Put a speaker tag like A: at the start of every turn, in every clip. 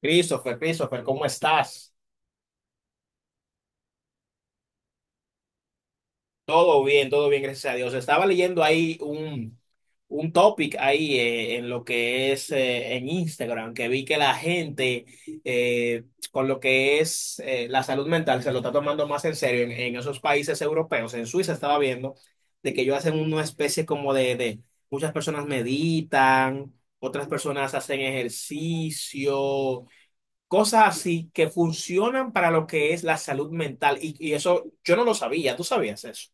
A: Christopher, Christopher, ¿cómo estás? Todo bien, gracias a Dios. Estaba leyendo ahí un topic ahí en lo que es en Instagram, que vi que la gente eh, con lo que es la salud mental se lo está tomando más en serio en esos países europeos. En Suiza estaba viendo de que ellos hacen una especie como de muchas personas meditan, otras personas hacen ejercicio. Cosas así que funcionan para lo que es la salud mental. Y eso yo no lo sabía, tú sabías eso.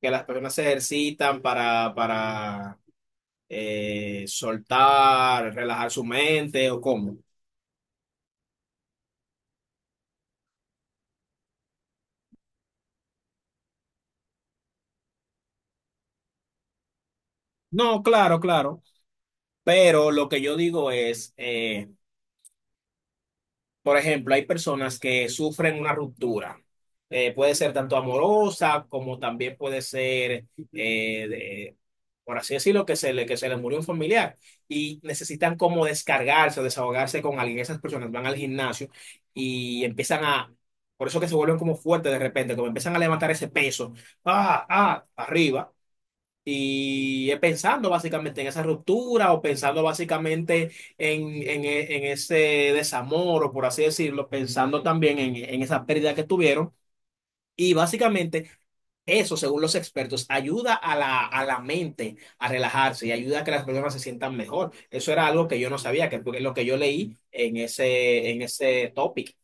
A: Que las personas se ejercitan para soltar, relajar su mente o cómo. No, claro, claro. Pero lo que yo digo es por ejemplo, hay personas que sufren una ruptura. Puede ser tanto amorosa como también puede ser, eh, de- por así decirlo, que se le murió un familiar y necesitan como descargarse o desahogarse con alguien. Esas personas van al gimnasio y por eso que se vuelven como fuertes de repente, como empiezan a levantar ese peso, arriba. Y es pensando básicamente en esa ruptura o pensando básicamente en ese desamor o por así decirlo, pensando también en esa pérdida que tuvieron. Y básicamente eso, según los expertos, ayuda a a la mente a relajarse y ayuda a que las personas se sientan mejor. Eso era algo que yo no sabía, que fue lo que yo leí en en ese topic.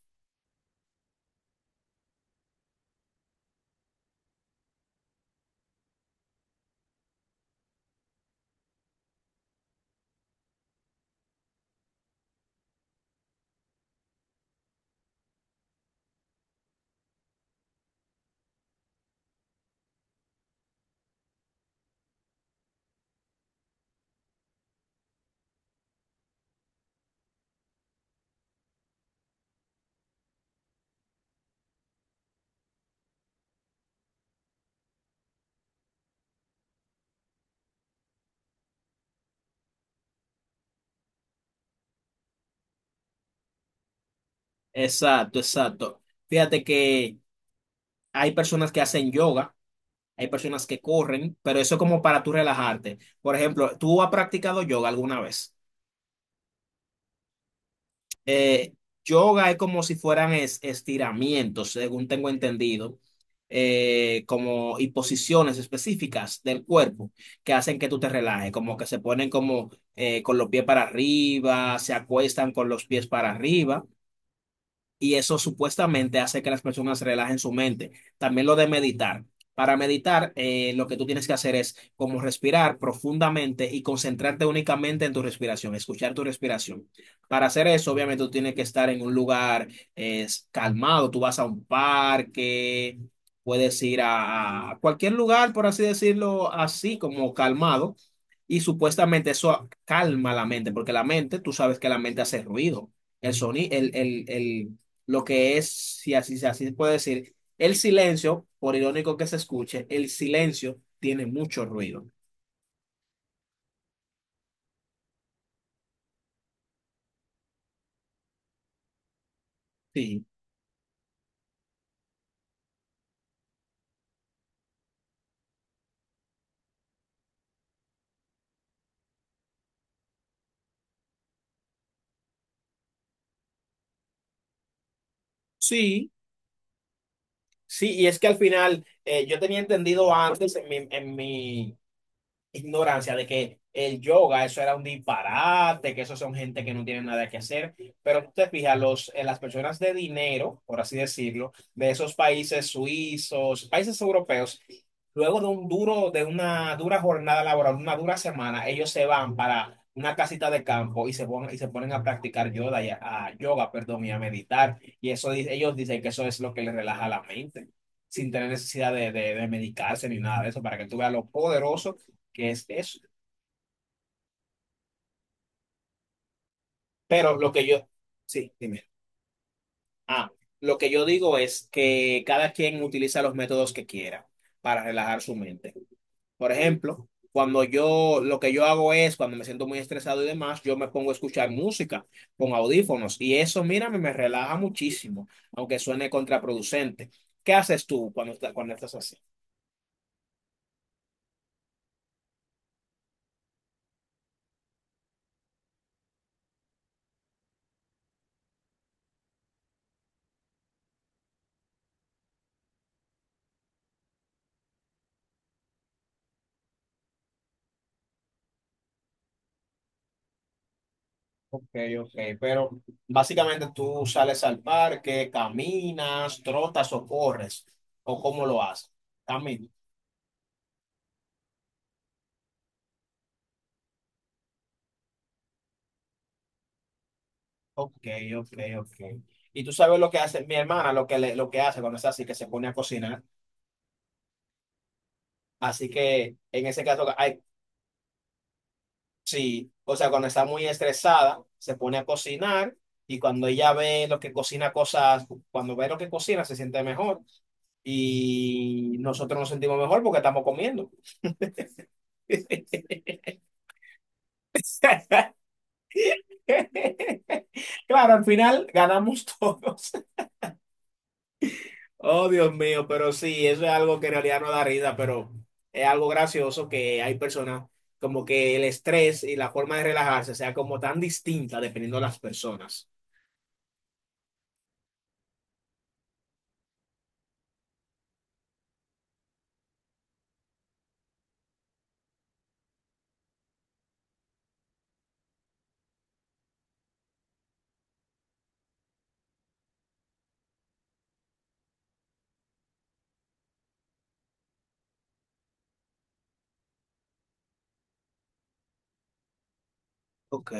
A: Exacto, exacto. Fíjate que hay personas que hacen yoga, hay personas que corren, pero eso es como para tú relajarte. Por ejemplo, ¿tú has practicado yoga alguna vez? Eh, yoga es como si fueran estiramientos, según tengo entendido, como y posiciones específicas del cuerpo que hacen que tú te relajes, como que se ponen como con los pies para arriba, se acuestan con los pies para arriba y eso supuestamente hace que las personas relajen su mente. También lo de meditar. Para meditar, lo que tú tienes que hacer es como respirar profundamente y concentrarte únicamente en tu respiración, escuchar tu respiración. Para hacer eso, obviamente, tú tienes que estar en un lugar calmado. Tú vas a un parque, puedes ir a cualquier lugar, por así decirlo, así como calmado. Y supuestamente eso calma la mente, porque la mente, tú sabes que la mente hace ruido. El sonido, el- lo que es, si así se puede decir, el silencio, por irónico que se escuche, el silencio tiene mucho ruido. Sí, sí, sí, y es que al final yo tenía entendido antes en en mi ignorancia de que el yoga, eso era un disparate, que eso son gente que no tiene nada que hacer. Pero tú te fijas, las personas de dinero, por así decirlo, de esos países suizos, países europeos, luego de un de una dura jornada laboral, una dura semana, ellos se van para una casita de campo y se ponen a practicar yoga, y a yoga, perdón, y a meditar. Ellos dicen que eso es lo que les relaja la mente, sin tener necesidad de medicarse ni nada de eso, para que tú veas lo poderoso que es eso. Pero lo que yo, sí, dime. Ah, lo que yo digo es que cada quien utiliza los métodos que quiera para relajar su mente. Por ejemplo, lo que yo hago es, cuando me siento muy estresado y demás, yo me pongo a escuchar música con audífonos y eso, mírame, me relaja muchísimo, aunque suene contraproducente. ¿Qué haces tú cuando estás así? Ok, ok, pero básicamente tú sales al parque, caminas, trotas o corres, o cómo lo haces. Camino. Ok, ok, ok. Y tú sabes lo que hace mi hermana, lo que hace cuando está así, que se pone a cocinar. Así que en ese caso, ay, sí, o sea, cuando está muy estresada, se pone a cocinar y cuando ella ve lo que cocina cosas, cuando ve lo que cocina, se siente mejor y nosotros nos sentimos mejor porque estamos comiendo. Claro, al final ganamos todos. Oh, Dios mío, pero sí, eso es algo que en realidad no da risa, pero es algo gracioso que hay personas como que el estrés y la forma de relajarse sea como tan distinta dependiendo de las personas. Ok.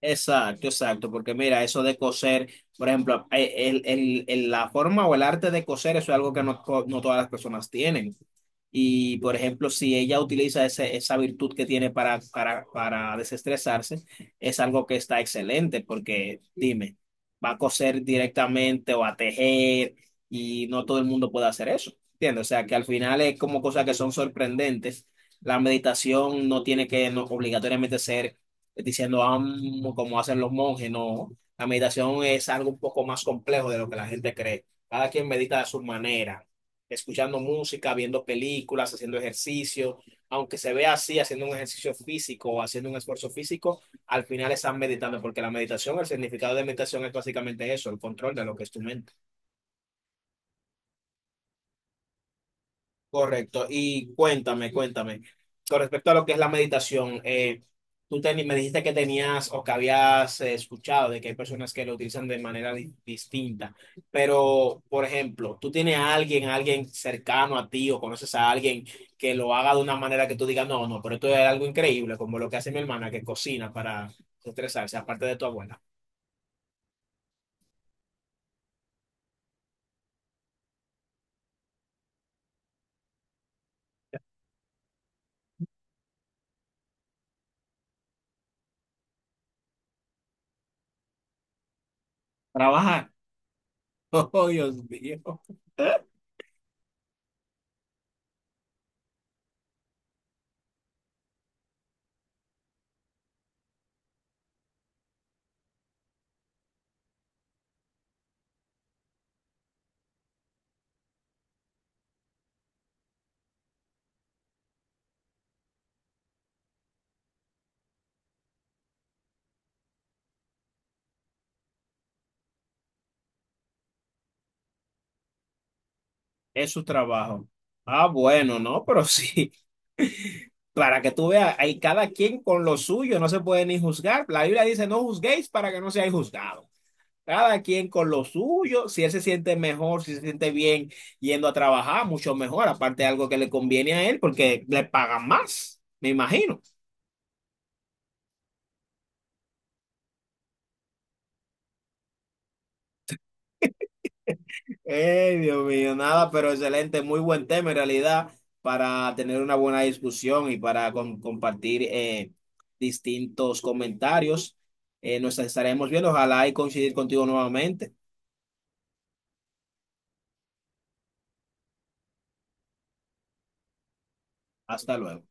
A: Exacto, exacto, porque mira, eso de coser, por ejemplo, la forma o el arte de coser, eso es algo que no todas las personas tienen. Y, por ejemplo, si ella utiliza esa virtud que tiene para desestresarse, es algo que está excelente, porque dime, va a coser directamente o a tejer y no todo el mundo puede hacer eso, ¿entiendes? O sea, que al final es como cosas que son sorprendentes. La meditación no tiene que no, obligatoriamente ser diciendo "Am", como hacen los monjes, no. La meditación es algo un poco más complejo de lo que la gente cree. Cada quien medita a su manera, escuchando música, viendo películas, haciendo ejercicio. Aunque se vea así, haciendo un ejercicio físico o haciendo un esfuerzo físico, al final están meditando, porque la meditación, el significado de meditación es básicamente eso, el control de lo que es tu mente. Correcto. Y cuéntame, cuéntame, con respecto a lo que es la meditación, me dijiste que tenías o que habías escuchado de que hay personas que lo utilizan de manera distinta, pero, por ejemplo, ¿tú tienes a alguien cercano a ti o conoces a alguien que lo haga de una manera que tú digas, no, no, pero esto es algo increíble, como lo que hace mi hermana que cocina para estresarse, aparte de tu abuela? Trabajar. Oh, Dios mío. Es su trabajo. Ah, bueno, no, pero sí. Para que tú veas, hay cada quien con lo suyo, no se puede ni juzgar. La Biblia dice, no juzguéis para que no seáis juzgados. Cada quien con lo suyo, si él se siente mejor, si se siente bien yendo a trabajar, mucho mejor, aparte de algo que le conviene a él, porque le pagan más, me imagino. Ey, Dios mío, nada, pero excelente, muy buen tema en realidad para tener una buena discusión y para compartir distintos comentarios. Nos estaremos viendo, ojalá y coincidir contigo nuevamente. Hasta luego.